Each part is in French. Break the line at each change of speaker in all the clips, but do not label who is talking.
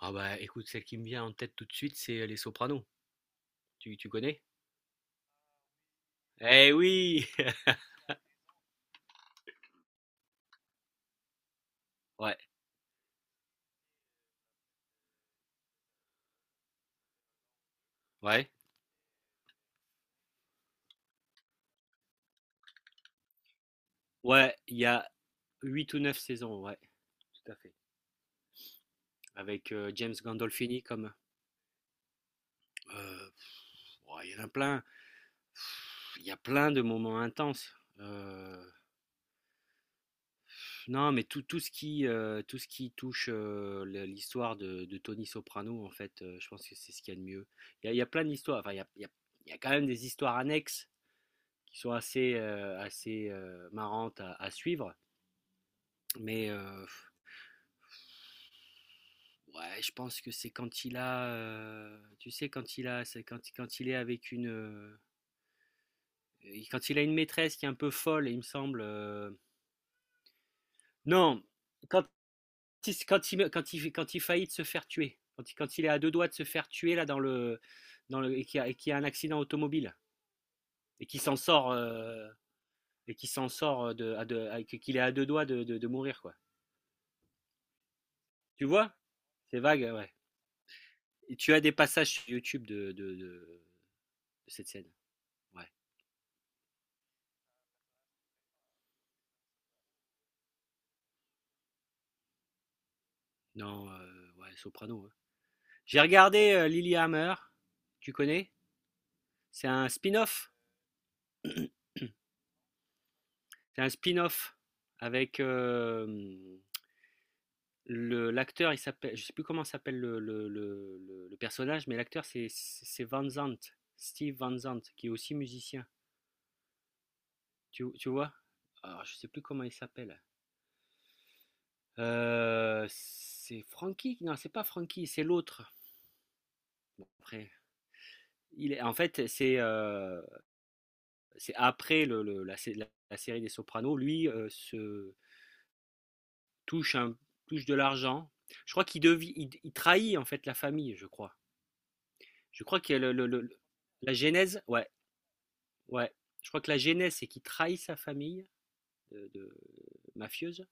Ah bah écoute, celle qui me vient en tête tout de suite, c'est Les Sopranos. Tu connais? Eh oui! Ouais, ouais. Ouais, il y a 8 ou 9 saisons, ouais, tout à fait. Avec James Gandolfini comme. Euh, ouais, il y en a plein. Il y a plein de moments intenses. Non, mais tout ce qui, tout ce qui touche l'histoire de Tony Soprano, en fait, je pense que c'est ce qu'il y a de mieux. Il y a plein d'histoires. Enfin, il y a, il y a- il y a quand même des histoires annexes qui sont assez marrantes à suivre. Mais ouais, je pense que c'est quand il a, tu sais, quand il a, c'est quand il est avec une, quand il a une maîtresse qui est un peu folle, il me semble. Non quand, quand il faillit de se faire tuer, quand il est à deux doigts de se faire tuer là et qu'il y a un accident automobile et qui s'en sort, et qui s'en sort de, qu'il est à deux doigts de mourir quoi. Tu vois? C'est vague, ouais. Et tu as des passages sur YouTube de cette scène. Ouais. Non, ouais, Soprano. Hein. J'ai regardé Lilyhammer. Tu connais? C'est un spin-off. C'est un spin-off avec le l'acteur. Il s'appelle, je sais plus comment s'appelle le personnage, mais l'acteur c'est Van Zandt, Steve Van Zandt, qui est aussi musicien. Tu vois? Alors, je sais plus comment il s'appelle. C'est Frankie? Non, c'est pas Frankie, c'est l'autre. Bon, après, en fait, c'est après la série des Sopranos, lui touche un, touche de l'argent. Je crois qu'il devient, il trahit en fait la famille, je crois. Je crois que la genèse, ouais, ouais. Je crois que la genèse, c'est qu'il trahit sa famille de mafieuse.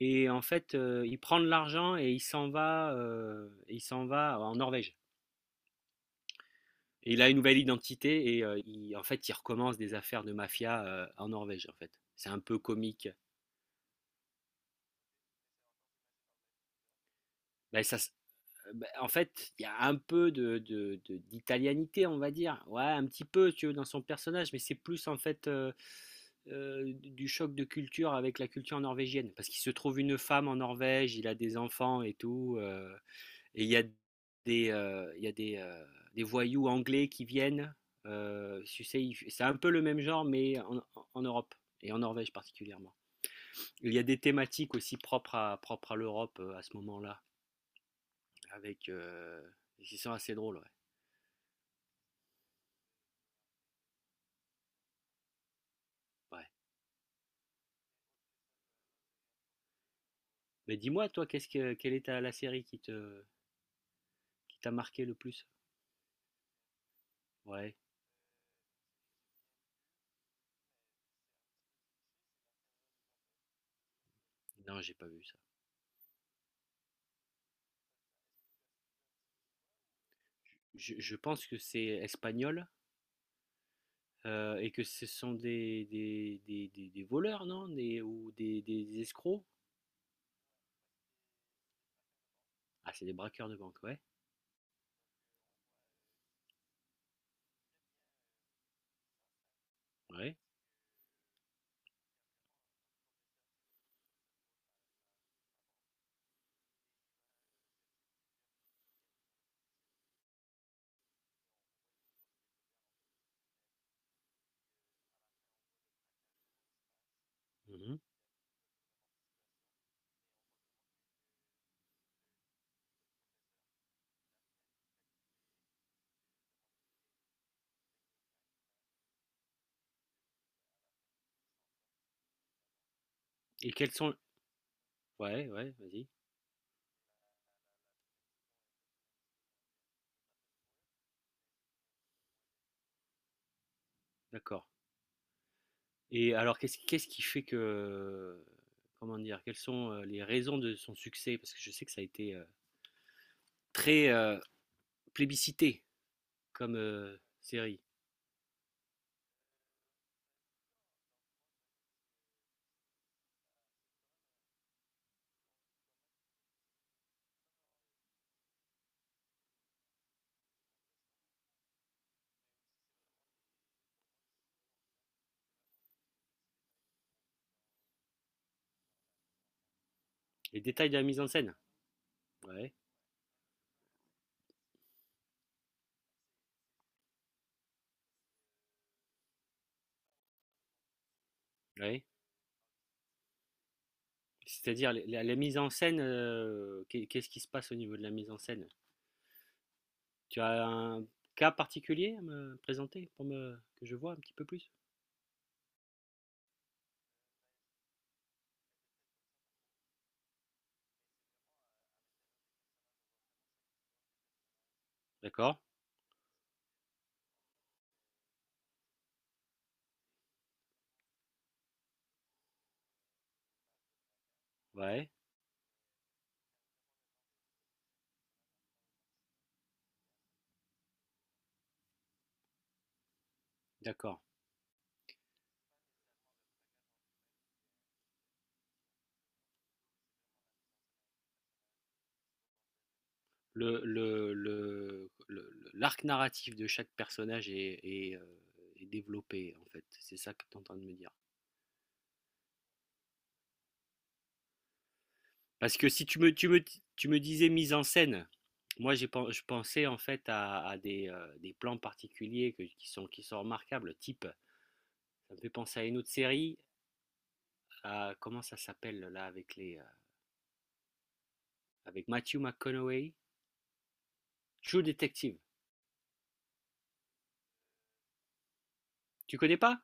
Et en fait, il prend de l'argent et il s'en va en Norvège. Et il a une nouvelle identité et en fait, il recommence des affaires de mafia en Norvège, en fait. C'est un peu comique. Ben, en fait, il y a un peu d'italianité, on va dire. Ouais, un petit peu, si tu veux, dans son personnage, mais c'est plus en fait du choc de culture avec la culture norvégienne. Parce qu'il se trouve une femme en Norvège, il a des enfants et tout. Et il y a des, il y a des voyous anglais qui viennent. Tu sais, c'est un peu le même genre, mais en Europe, et en Norvège particulièrement. Il y a des thématiques aussi propres à l'Europe à ce moment-là. Avec. Ils sont assez drôles, ouais. Ouais. Mais dis-moi, toi, quelle est la série qui t'a marqué le plus? Ouais. Non, j'ai pas vu ça. Je pense que c'est espagnol et que ce sont des voleurs, non? Ou des escrocs? Ah, c'est des braqueurs de banque, ouais. Ouais. Mhm. Et quels sont... Ouais, ouais, vas-y. D'accord. Et alors, qu'est-ce qui fait que... Comment dire? Quelles sont les raisons de son succès? Parce que je sais que ça a été très plébiscité comme série. Les détails de la mise en scène. Ouais, ouais. C'est-à-dire la mise en scène, qu'est-ce qui se passe au niveau de la mise en scène? Tu as un cas particulier à me présenter que je vois un petit peu plus? D'accord, ouais, d'accord. L'arc narratif de chaque personnage est développé, en fait. C'est ça que tu es en train de me dire. Parce que si tu me disais mise en scène, moi, je pensais en fait à des plans particuliers qui sont remarquables, type, ça me fait penser à une autre série, comment ça s'appelle là avec avec Matthew McConaughey, True Detective. Tu connais pas?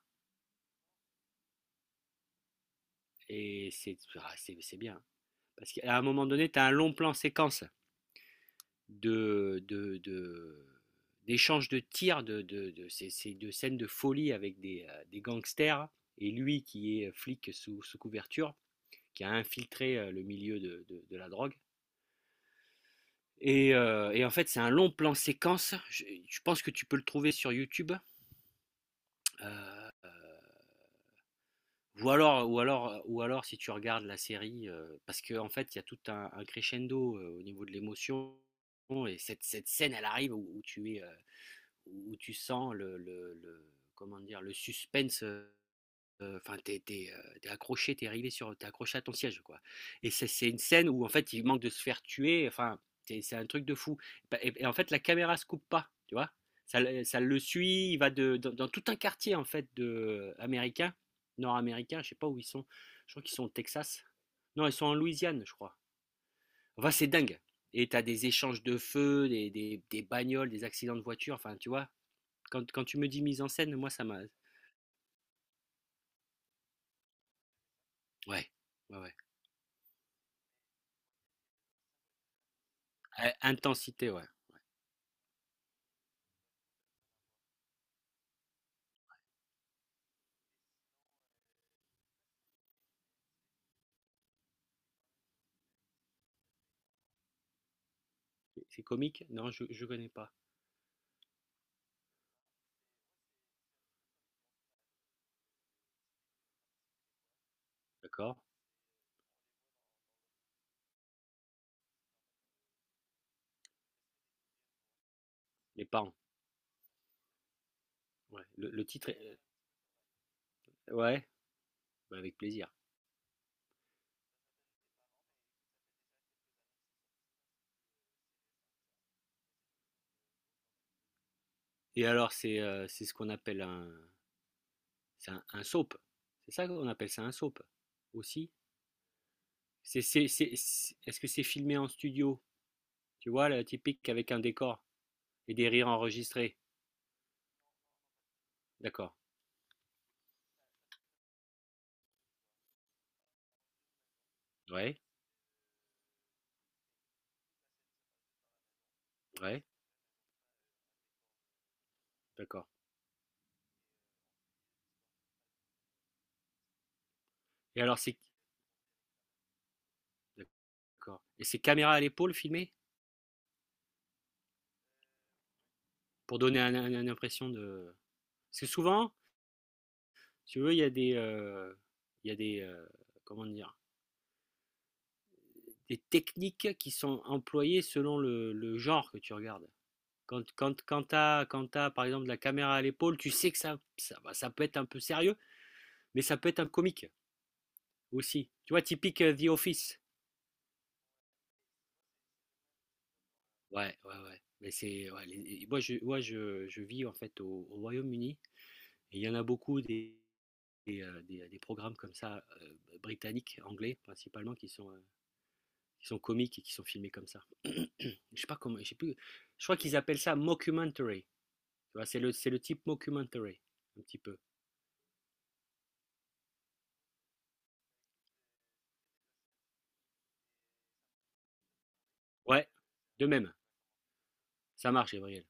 Ah, c'est bien. Hein. Parce qu'à un moment donné, tu as un long plan séquence de, de, de, d'échanges de tirs, de, c'est de scènes de folie avec des gangsters, et lui qui est flic sous couverture, qui a infiltré le milieu de la drogue. Et en fait, c'est un long plan séquence. Je pense que tu peux le trouver sur YouTube. Euh, ou alors, si tu regardes la série, parce qu'en fait, il y a tout un crescendo au niveau de l'émotion. Et cette scène, elle arrive où tu es, où tu sens comment dire, le suspense enfin, t'es accroché, t'es accroché à ton siège, quoi. Et c'est une scène où en fait il manque de se faire tuer. Enfin, c'est un truc de fou. Et en fait la caméra se coupe pas, tu vois. Ça, ça le suit. Il va dans tout un quartier en fait nord-américain. Je sais pas où ils sont. Je crois qu'ils sont au Texas. Non, ils sont en Louisiane, je crois. Enfin, c'est dingue. Et t'as des échanges de feu, des bagnoles, des accidents de voiture. Enfin, tu vois. Quand tu me dis mise en scène, moi ça m'a. Ouais, ouais, ouais. Intensité, ouais. C'est comique? Non, je connais pas. D'accord. Les Parents. Ouais. Le titre est... Ouais, bah, avec plaisir. Et alors, c'est ce qu'on appelle un soap. C'est ça qu'on appelle ça un soap aussi. Est-ce que c'est filmé en studio? Tu vois, la typique avec un décor et des rires enregistrés. D'accord. Ouais, ouais, d'accord. Et alors, c'est... D'accord. Et c'est caméra à l'épaule filmé pour donner une impression de... Parce que souvent, si tu veux, il y a des... il y a des... euh, comment dire? Les techniques qui sont employées selon le genre que tu regardes. Quand t'as, par exemple la caméra à l'épaule, tu sais que ça peut être un peu sérieux, mais ça peut être un comique aussi. Tu vois, typique The Office. Ouais, ouais, ouais. Mais ouais, moi je vis en fait au Royaume-Uni et il y en a beaucoup des programmes comme ça, britanniques, anglais principalement, qui sont comiques et qui sont filmés comme ça. Je sais pas comment, je sais plus. Je crois qu'ils appellent ça mockumentary. Tu vois, c'est le type mockumentary, un petit peu. Ouais, de même. Ça marche, Gabriel.